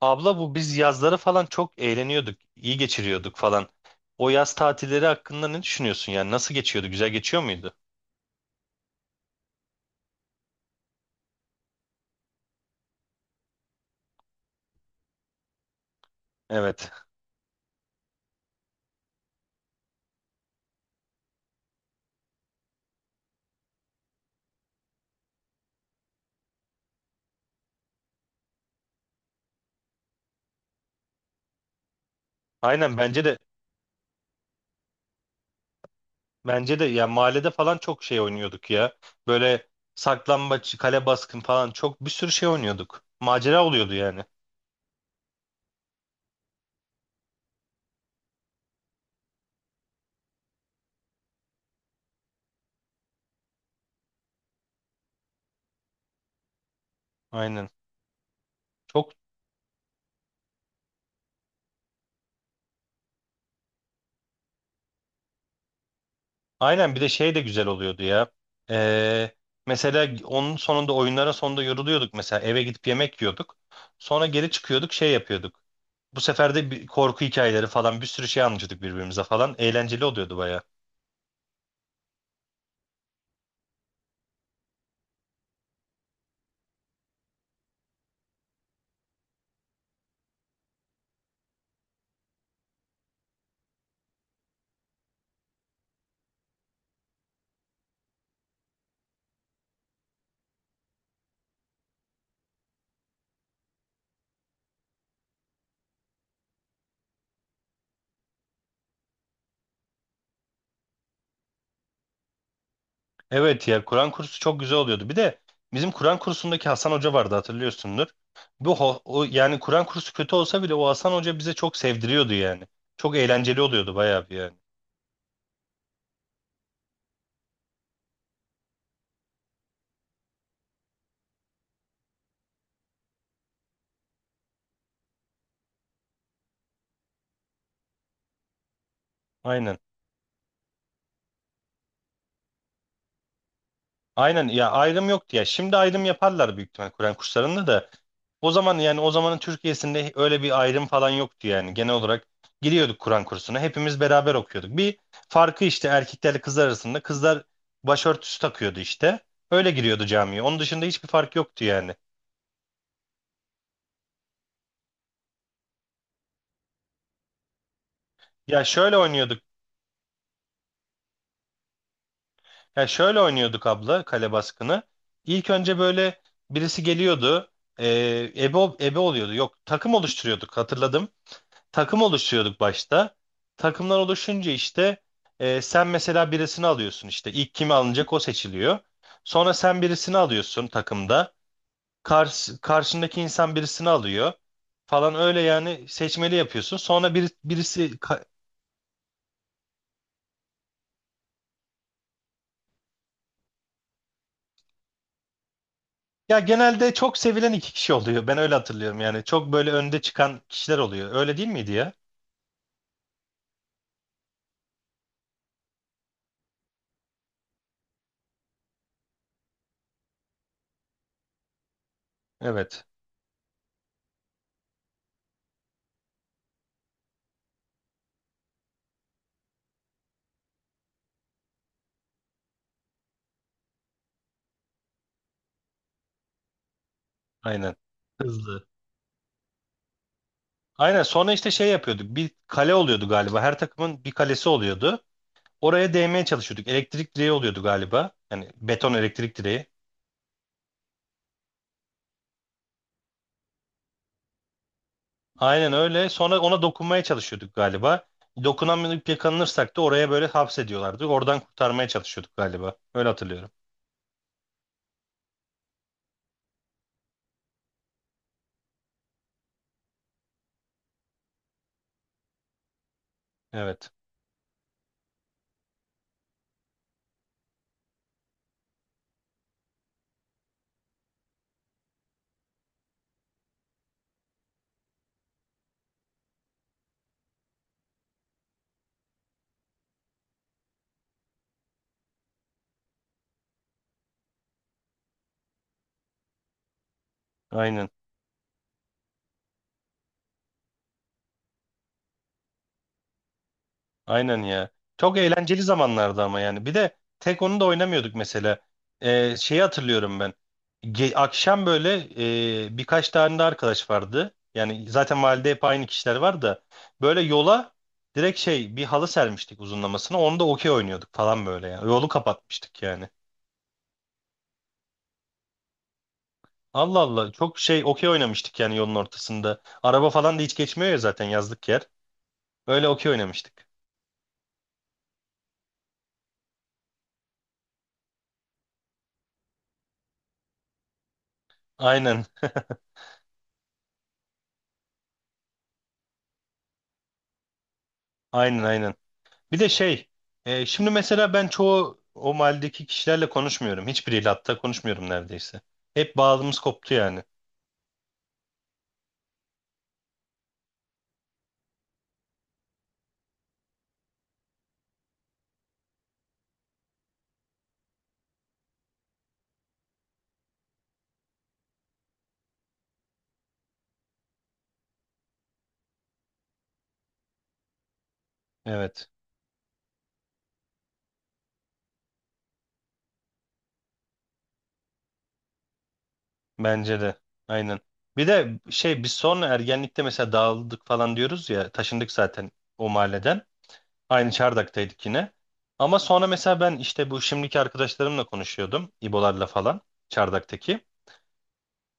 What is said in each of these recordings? Abla bu biz yazları falan çok eğleniyorduk, iyi geçiriyorduk falan. O yaz tatilleri hakkında ne düşünüyorsun yani? Nasıl geçiyordu? Güzel geçiyor muydu? Evet. Aynen bence de bence de. Ya mahallede falan çok şey oynuyorduk ya. Böyle saklambaç, kale baskın falan çok bir sürü şey oynuyorduk. Macera oluyordu yani. Aynen. Çok aynen, bir de şey de güzel oluyordu ya. Ee, Mesela onun sonunda, oyunların sonunda yoruluyorduk, mesela eve gidip yemek yiyorduk. Sonra geri çıkıyorduk, şey yapıyorduk. Bu sefer de bir korku hikayeleri falan bir sürü şey anlatıyorduk birbirimize falan. Eğlenceli oluyordu baya. Evet ya, Kur'an kursu çok güzel oluyordu. Bir de bizim Kur'an kursundaki Hasan Hoca vardı, hatırlıyorsundur. Yani Kur'an kursu kötü olsa bile o Hasan Hoca bize çok sevdiriyordu yani. Çok eğlenceli oluyordu bayağı bir yani. Aynen. Aynen ya, ayrım yoktu ya. Şimdi ayrım yaparlar büyük ihtimal Kur'an kurslarında da. O zaman, yani o zamanın Türkiye'sinde öyle bir ayrım falan yoktu yani. Genel olarak giriyorduk Kur'an kursuna. Hepimiz beraber okuyorduk. Bir farkı işte erkeklerle kızlar arasında. Kızlar başörtüsü takıyordu işte. Öyle giriyordu camiye. Onun dışında hiçbir fark yoktu yani. Ya şöyle oynuyorduk. Ya şöyle oynuyorduk abla, kale baskını. İlk önce böyle birisi geliyordu. Ebe oluyordu. Yok, takım oluşturuyorduk, hatırladım. Takım oluşturuyorduk başta. Takımlar oluşunca işte sen mesela birisini alıyorsun, işte ilk kimi alınacak o seçiliyor. Sonra sen birisini alıyorsun takımda. Karşındaki insan birisini alıyor falan, öyle yani seçmeli yapıyorsun. Sonra birisi ya genelde çok sevilen iki kişi oluyor. Ben öyle hatırlıyorum yani. Çok böyle önde çıkan kişiler oluyor. Öyle değil miydi ya? Evet. Aynen. Hızlı. Aynen, sonra işte şey yapıyorduk. Bir kale oluyordu galiba. Her takımın bir kalesi oluyordu. Oraya değmeye çalışıyorduk. Elektrik direği oluyordu galiba. Yani beton elektrik direği. Aynen öyle. Sonra ona dokunmaya çalışıyorduk galiba. Dokunamayıp yakalanırsak da oraya böyle hapsediyorlardı. Oradan kurtarmaya çalışıyorduk galiba. Öyle hatırlıyorum. Evet. Aynen. Aynen ya. Çok eğlenceli zamanlardı ama yani. Bir de tek onu da oynamıyorduk mesela. Şeyi hatırlıyorum ben. Akşam böyle birkaç tane de arkadaş vardı. Yani zaten mahallede hep aynı kişiler var da. Böyle yola direkt şey, bir halı sermiştik uzunlamasına. Onu da okey oynuyorduk falan böyle yani. Yolu kapatmıştık yani. Allah Allah, çok şey, okey oynamıştık yani yolun ortasında. Araba falan da hiç geçmiyor ya, zaten yazlık yer. Öyle okey oynamıştık. Aynen. Aynen aynen. Bir de şey, şimdi mesela ben çoğu o mahalledeki kişilerle konuşmuyorum. Hiçbiriyle hatta konuşmuyorum neredeyse. Hep bağımız koptu yani. Evet, bence de. Aynen. Bir de şey, biz sonra ergenlikte mesela dağıldık falan diyoruz ya, taşındık zaten o mahalleden. Aynı Çardak'taydık yine. Ama sonra mesela ben işte bu şimdiki arkadaşlarımla konuşuyordum, İbolarla falan, Çardak'taki.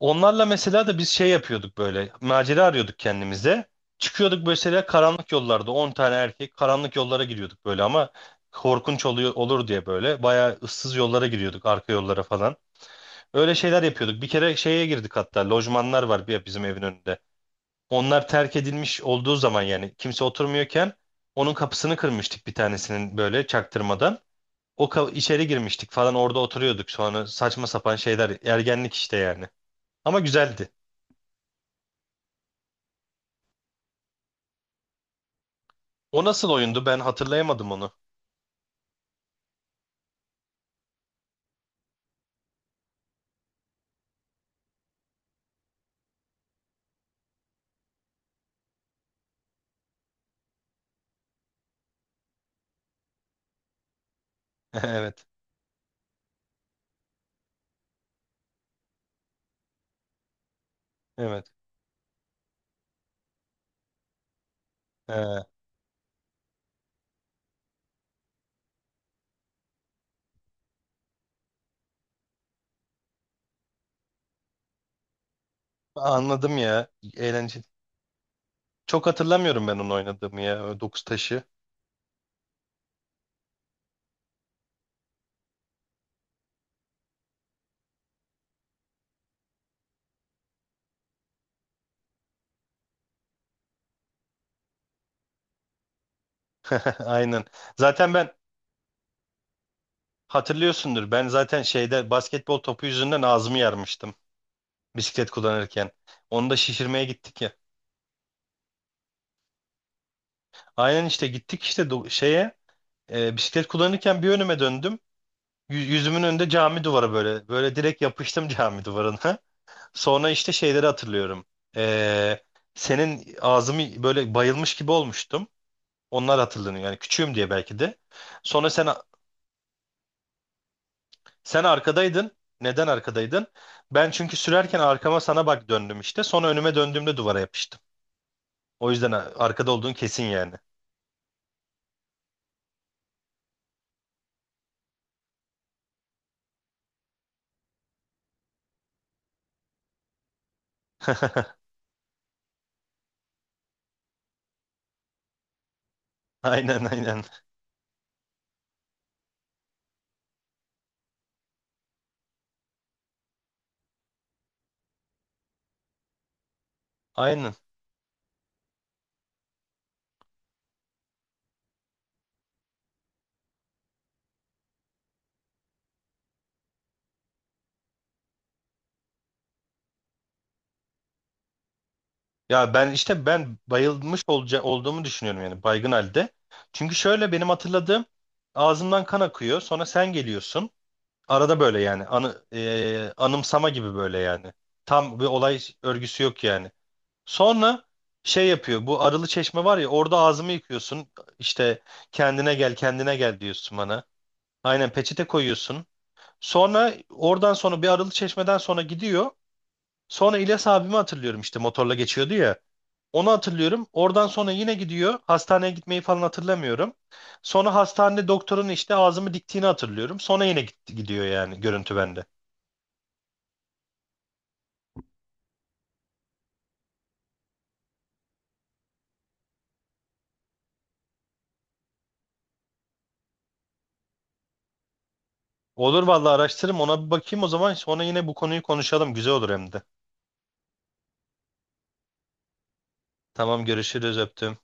Onlarla mesela da biz şey yapıyorduk böyle. Macera arıyorduk kendimize. Çıkıyorduk mesela, karanlık yollarda 10 tane erkek karanlık yollara giriyorduk böyle, ama korkunç oluyor, olur diye böyle bayağı ıssız yollara giriyorduk, arka yollara falan. Öyle şeyler yapıyorduk. Bir kere şeye girdik hatta, lojmanlar var bir bizim evin önünde. Onlar terk edilmiş olduğu zaman, yani kimse oturmuyorken onun kapısını kırmıştık bir tanesinin böyle çaktırmadan. İçeri girmiştik falan, orada oturuyorduk, sonra saçma sapan şeyler, ergenlik işte yani. Ama güzeldi. O nasıl oyundu? Ben hatırlayamadım onu. Evet. Evet. Ee, Anladım ya. Eğlenceli. Çok hatırlamıyorum ben onu oynadığımı ya. O dokuz taşı. Aynen. Zaten ben, hatırlıyorsundur, ben zaten şeyde basketbol topu yüzünden ağzımı yarmıştım. Bisiklet kullanırken. Onu da şişirmeye gittik ya. Aynen işte gittik işte şeye, bisiklet kullanırken bir önüme döndüm. Yüzümün önünde cami duvarı böyle. Böyle direkt yapıştım cami duvarına. Sonra işte şeyleri hatırlıyorum. Ee, Senin ağzımı böyle, bayılmış gibi olmuştum. Onlar hatırlanıyor. Yani küçüğüm diye belki de. Sonra sen arkadaydın. Neden arkadaydın? Ben çünkü sürerken arkama sana bak döndüm işte. Sonra önüme döndüğümde duvara yapıştım. O yüzden arkada olduğun kesin yani. Aynen aynen. Aynen. Ya ben işte ben bayılmış olduğumu düşünüyorum yani, baygın halde. Çünkü şöyle benim hatırladığım, ağzımdan kan akıyor. Sonra sen geliyorsun. Arada böyle yani. Anımsama gibi böyle yani. Tam bir olay örgüsü yok yani. Sonra şey yapıyor. Bu Arılı Çeşme var ya, orada ağzımı yıkıyorsun. İşte kendine gel, kendine gel diyorsun bana. Aynen, peçete koyuyorsun. Sonra oradan sonra bir, Arılı Çeşme'den sonra gidiyor. Sonra İlyas abimi hatırlıyorum, işte motorla geçiyordu ya. Onu hatırlıyorum. Oradan sonra yine gidiyor. Hastaneye gitmeyi falan hatırlamıyorum. Sonra hastanede doktorun işte ağzımı diktiğini hatırlıyorum. Sonra yine gitti, gidiyor yani görüntü bende. Olur vallahi, araştırırım, ona bir bakayım. O zaman sonra yine bu konuyu konuşalım, güzel olur hem de. Tamam, görüşürüz, öptüm.